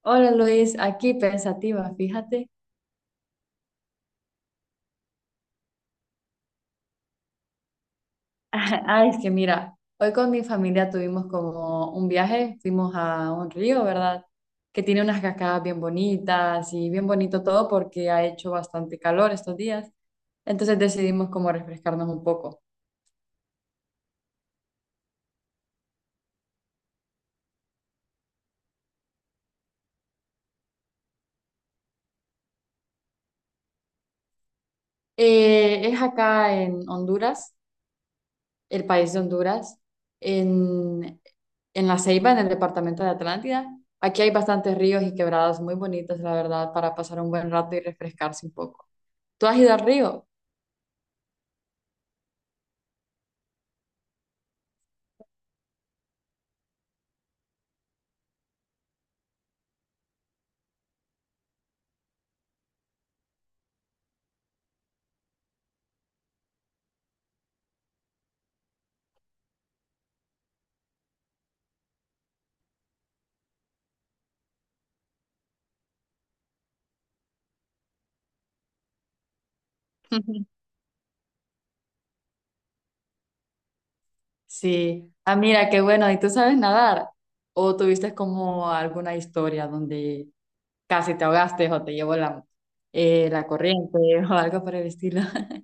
Hola Luis, aquí pensativa, fíjate. Ah, es que mira, hoy con mi familia tuvimos como un viaje, fuimos a un río, ¿verdad? Que tiene unas cascadas bien bonitas y bien bonito todo porque ha hecho bastante calor estos días. Entonces decidimos como refrescarnos un poco. Es acá en Honduras, el país de Honduras, en, en La Ceiba, en el departamento de Atlántida. Aquí hay bastantes ríos y quebradas muy bonitas, la verdad, para pasar un buen rato y refrescarse un poco. ¿Tú has ido al río? Sí. Ah, mira, qué bueno. ¿Y tú sabes nadar? ¿O tuviste como alguna historia donde casi te ahogaste o te llevó la corriente o algo por el estilo?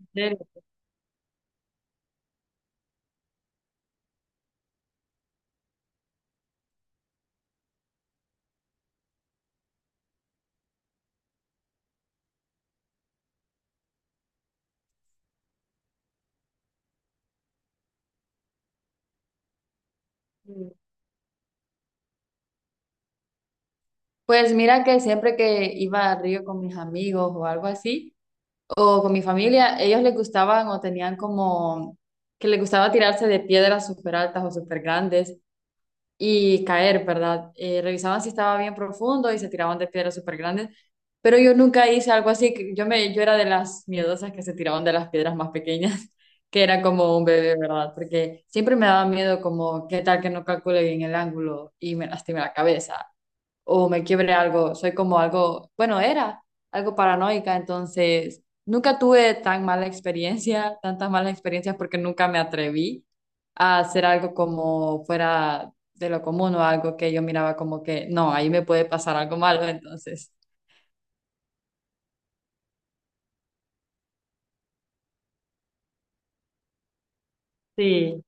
¿En serio? Mm. Pues mira que siempre que iba al río con mis amigos o algo así, o con mi familia, ellos les gustaban o tenían como que les gustaba tirarse de piedras súper altas o súper grandes y caer, ¿verdad? Revisaban si estaba bien profundo y se tiraban de piedras súper grandes, pero yo nunca hice algo así, que yo era de las miedosas que se tiraban de las piedras más pequeñas, que era como un bebé, ¿verdad? Porque siempre me daba miedo como, ¿qué tal que no calcule bien el ángulo y me lastime la cabeza o me quiebre algo? Soy como algo, bueno, era algo paranoica, entonces nunca tuve tantas malas experiencias porque nunca me atreví a hacer algo como fuera de lo común o algo que yo miraba como que, no, ahí me puede pasar algo malo, entonces. Sí.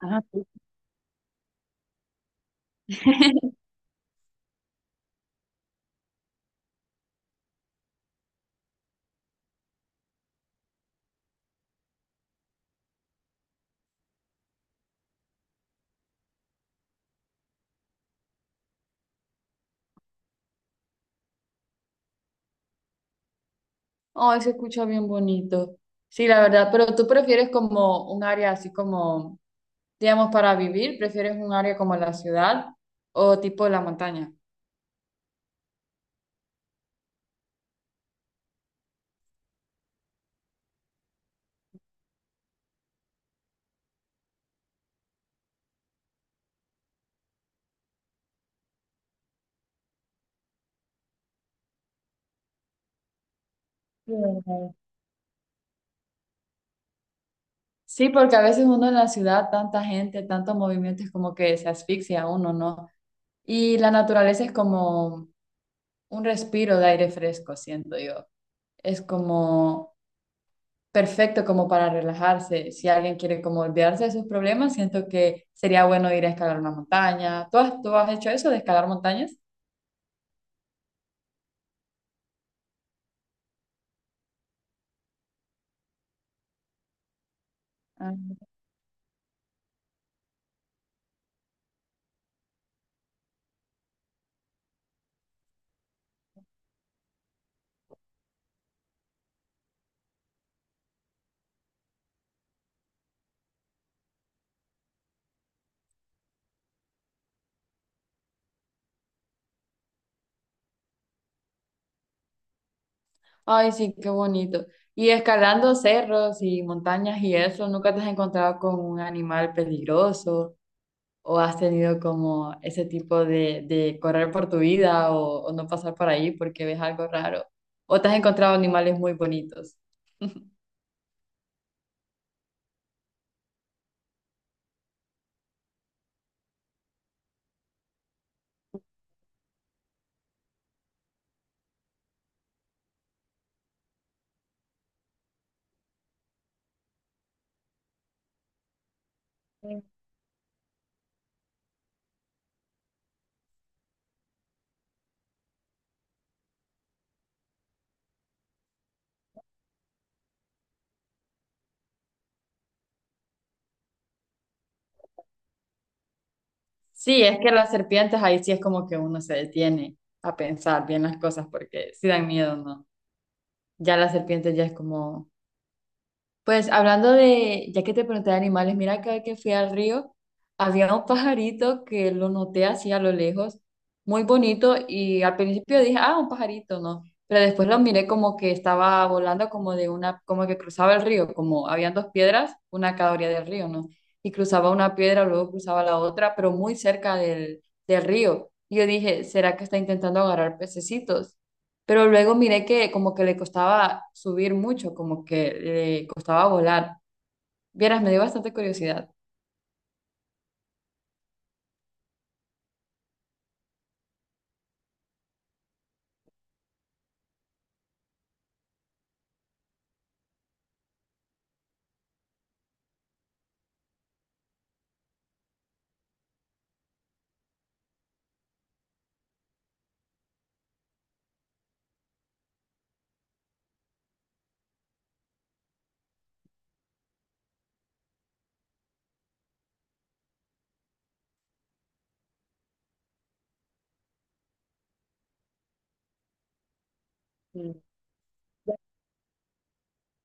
Ah, sí. Oh, se escucha bien bonito. Sí, la verdad, pero tú prefieres como un área así como, digamos, para vivir, ¿prefieres un área como la ciudad o tipo la montaña? Sí. Sí, porque a veces uno en la ciudad, tanta gente, tanto movimiento, es como que se asfixia uno, ¿no? Y la naturaleza es como un respiro de aire fresco, siento yo. Es como perfecto como para relajarse. Si alguien quiere como olvidarse de sus problemas, siento que sería bueno ir a escalar una montaña. ¿Tú has hecho eso de escalar montañas? Ah. Ay, sí, qué bonito. Y escalando cerros y montañas y eso, ¿nunca te has encontrado con un animal peligroso, o has tenido como ese tipo de correr por tu vida, o no pasar por ahí porque ves algo raro, o te has encontrado animales muy bonitos? Sí, es que las serpientes ahí sí es como que uno se detiene a pensar bien las cosas porque sí dan miedo, ¿no? Ya las serpientes ya es como... Pues hablando de, ya que te pregunté de animales, mira cada vez que fui al río, había un pajarito que lo noté así a lo lejos, muy bonito, y al principio dije, ah, un pajarito, ¿no? Pero después lo miré como que estaba volando como de una, como que cruzaba el río, como habían dos piedras, una a cada orilla del río, ¿no? Y cruzaba una piedra, luego cruzaba la otra, pero muy cerca del río. Y yo dije, ¿será que está intentando agarrar pececitos? Pero luego miré que como que le costaba subir mucho, como que le costaba volar. Vieras, me dio bastante curiosidad. Mm.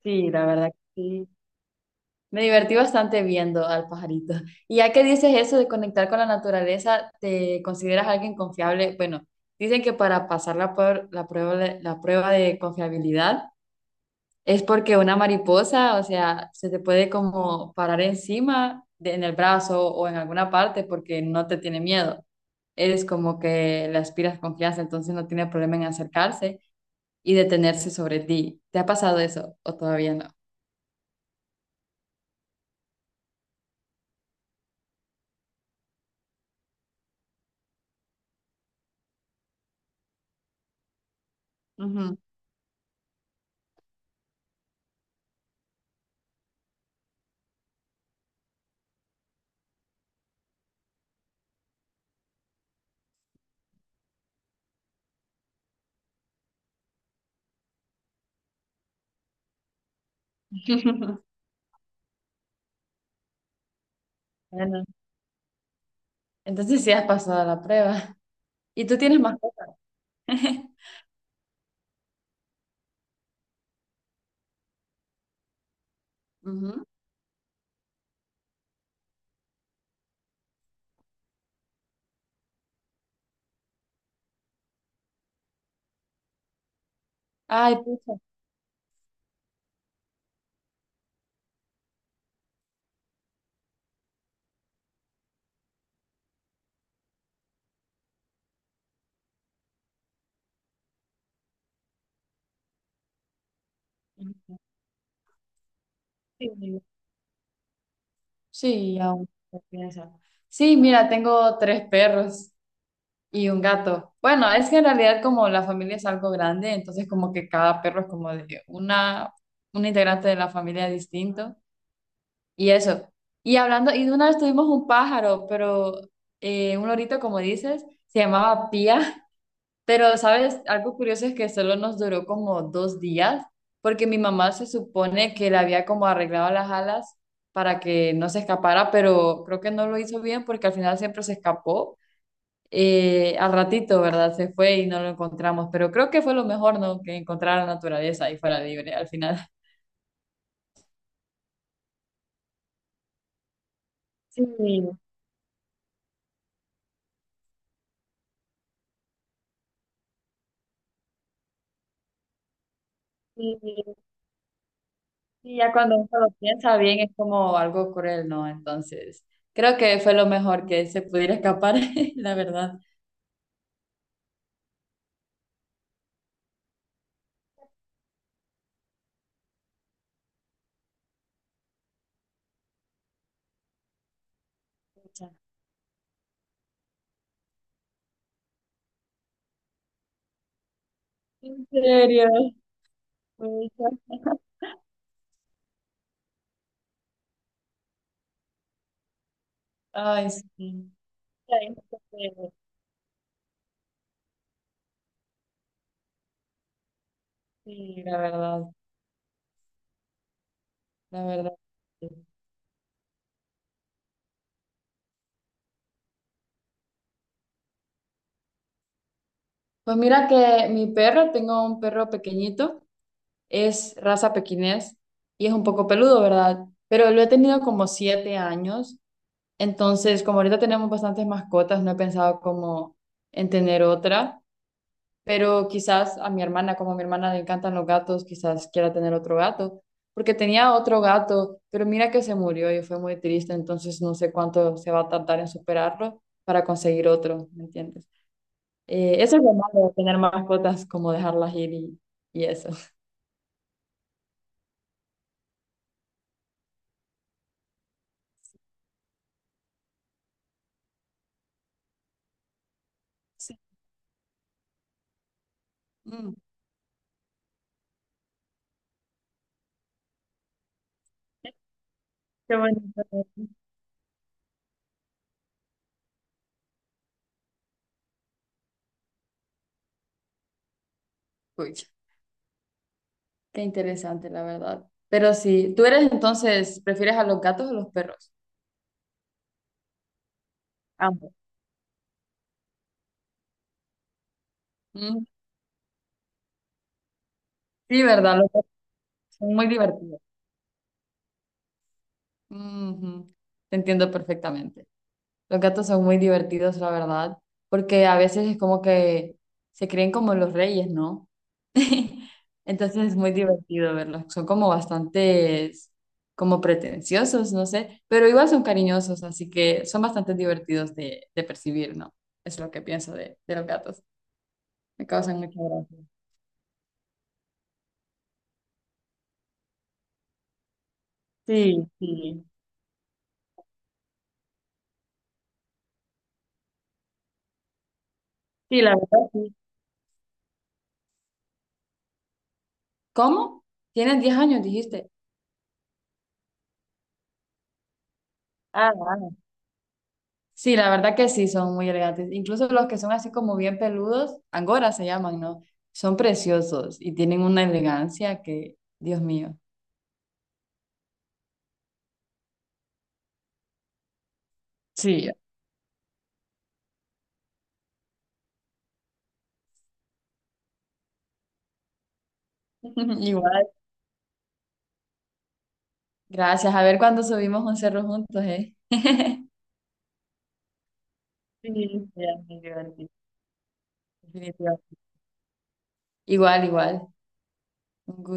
Sí, la verdad que sí. Me divertí bastante viendo al pajarito. Y ya que dices eso de conectar con la naturaleza, ¿te consideras alguien confiable? Bueno, dicen que para pasar la prueba de confiabilidad es porque una mariposa, o sea, se te puede como parar en el brazo o en alguna parte porque no te tiene miedo. Eres como que le aspiras confianza, entonces no tiene problema en acercarse y detenerse sobre ti. ¿Te ha pasado eso o todavía no? Ujú. Bueno, entonces sí has pasado la prueba. ¿Y tú tienes más cosas? Ujú. Ay, pucha. Sí, sí, aún se piensa. Sí, mira, tengo tres perros. Y un gato. Bueno, es que en realidad como la familia es algo grande, entonces como que cada perro es como de una, un integrante de la familia distinto. Y eso. Y de una vez tuvimos un pájaro, pero un lorito, como dices, se llamaba Pía. Pero, ¿sabes? Algo curioso es que solo nos duró como 2 días, porque mi mamá se supone que le había como arreglado las alas para que no se escapara, pero creo que no lo hizo bien porque al final siempre se escapó al ratito, ¿verdad? Se fue y no lo encontramos, pero creo que fue lo mejor, ¿no? Que encontrara la naturaleza y fuera libre al final. Sí, sí, sí, ya cuando uno lo piensa bien es como... algo cruel, ¿no? Entonces, creo que fue lo mejor que se pudiera escapar, la verdad. Pucha. En serio, pucha. Ay, sí, ya sí, sí, la verdad, la verdad. Sí. Pues mira que mi perro, tengo un perro pequeñito, es raza pequinés y es un poco peludo, ¿verdad? Pero lo he tenido como 7 años, entonces como ahorita tenemos bastantes mascotas, no he pensado como en tener otra, pero quizás a mi hermana, como a mi hermana le encantan los gatos, quizás quiera tener otro gato, porque tenía otro gato, pero mira que se murió y fue muy triste, entonces no sé cuánto se va a tardar en superarlo para conseguir otro, ¿me entiendes? Eso es lo malo de tener mascotas, como dejarlas ir y eso. Sí. Mm. Qué bonito. Pucha, qué interesante, la verdad. Pero sí, tú eres entonces, ¿prefieres a los gatos o los perros? Ambos. Mm. Sí, ¿verdad? Los gatos son muy divertidos. Ujú. Te entiendo perfectamente. Los gatos son muy divertidos, la verdad, porque a veces es como que se creen como los reyes, ¿no? Entonces es muy divertido verlos. Son como bastantes, como pretenciosos, no sé, pero igual son cariñosos, así que son bastante divertidos de percibir, ¿no? Es lo que pienso de los gatos. Me causan mucha gracia. Sí, sí. Sí, la verdad, sí. ¿Cómo? Tienes 10 años, dijiste. Ah. Sí, la verdad que sí, son muy elegantes. Incluso los que son así como bien peludos, angora se llaman, ¿no? Son preciosos y tienen una elegancia que, Dios mío. Sí. Igual. Gracias. A ver cuándo subimos un cerro juntos, ¿eh? Sí, sí, es muy divertido. Definitivamente. Igual, igual. Un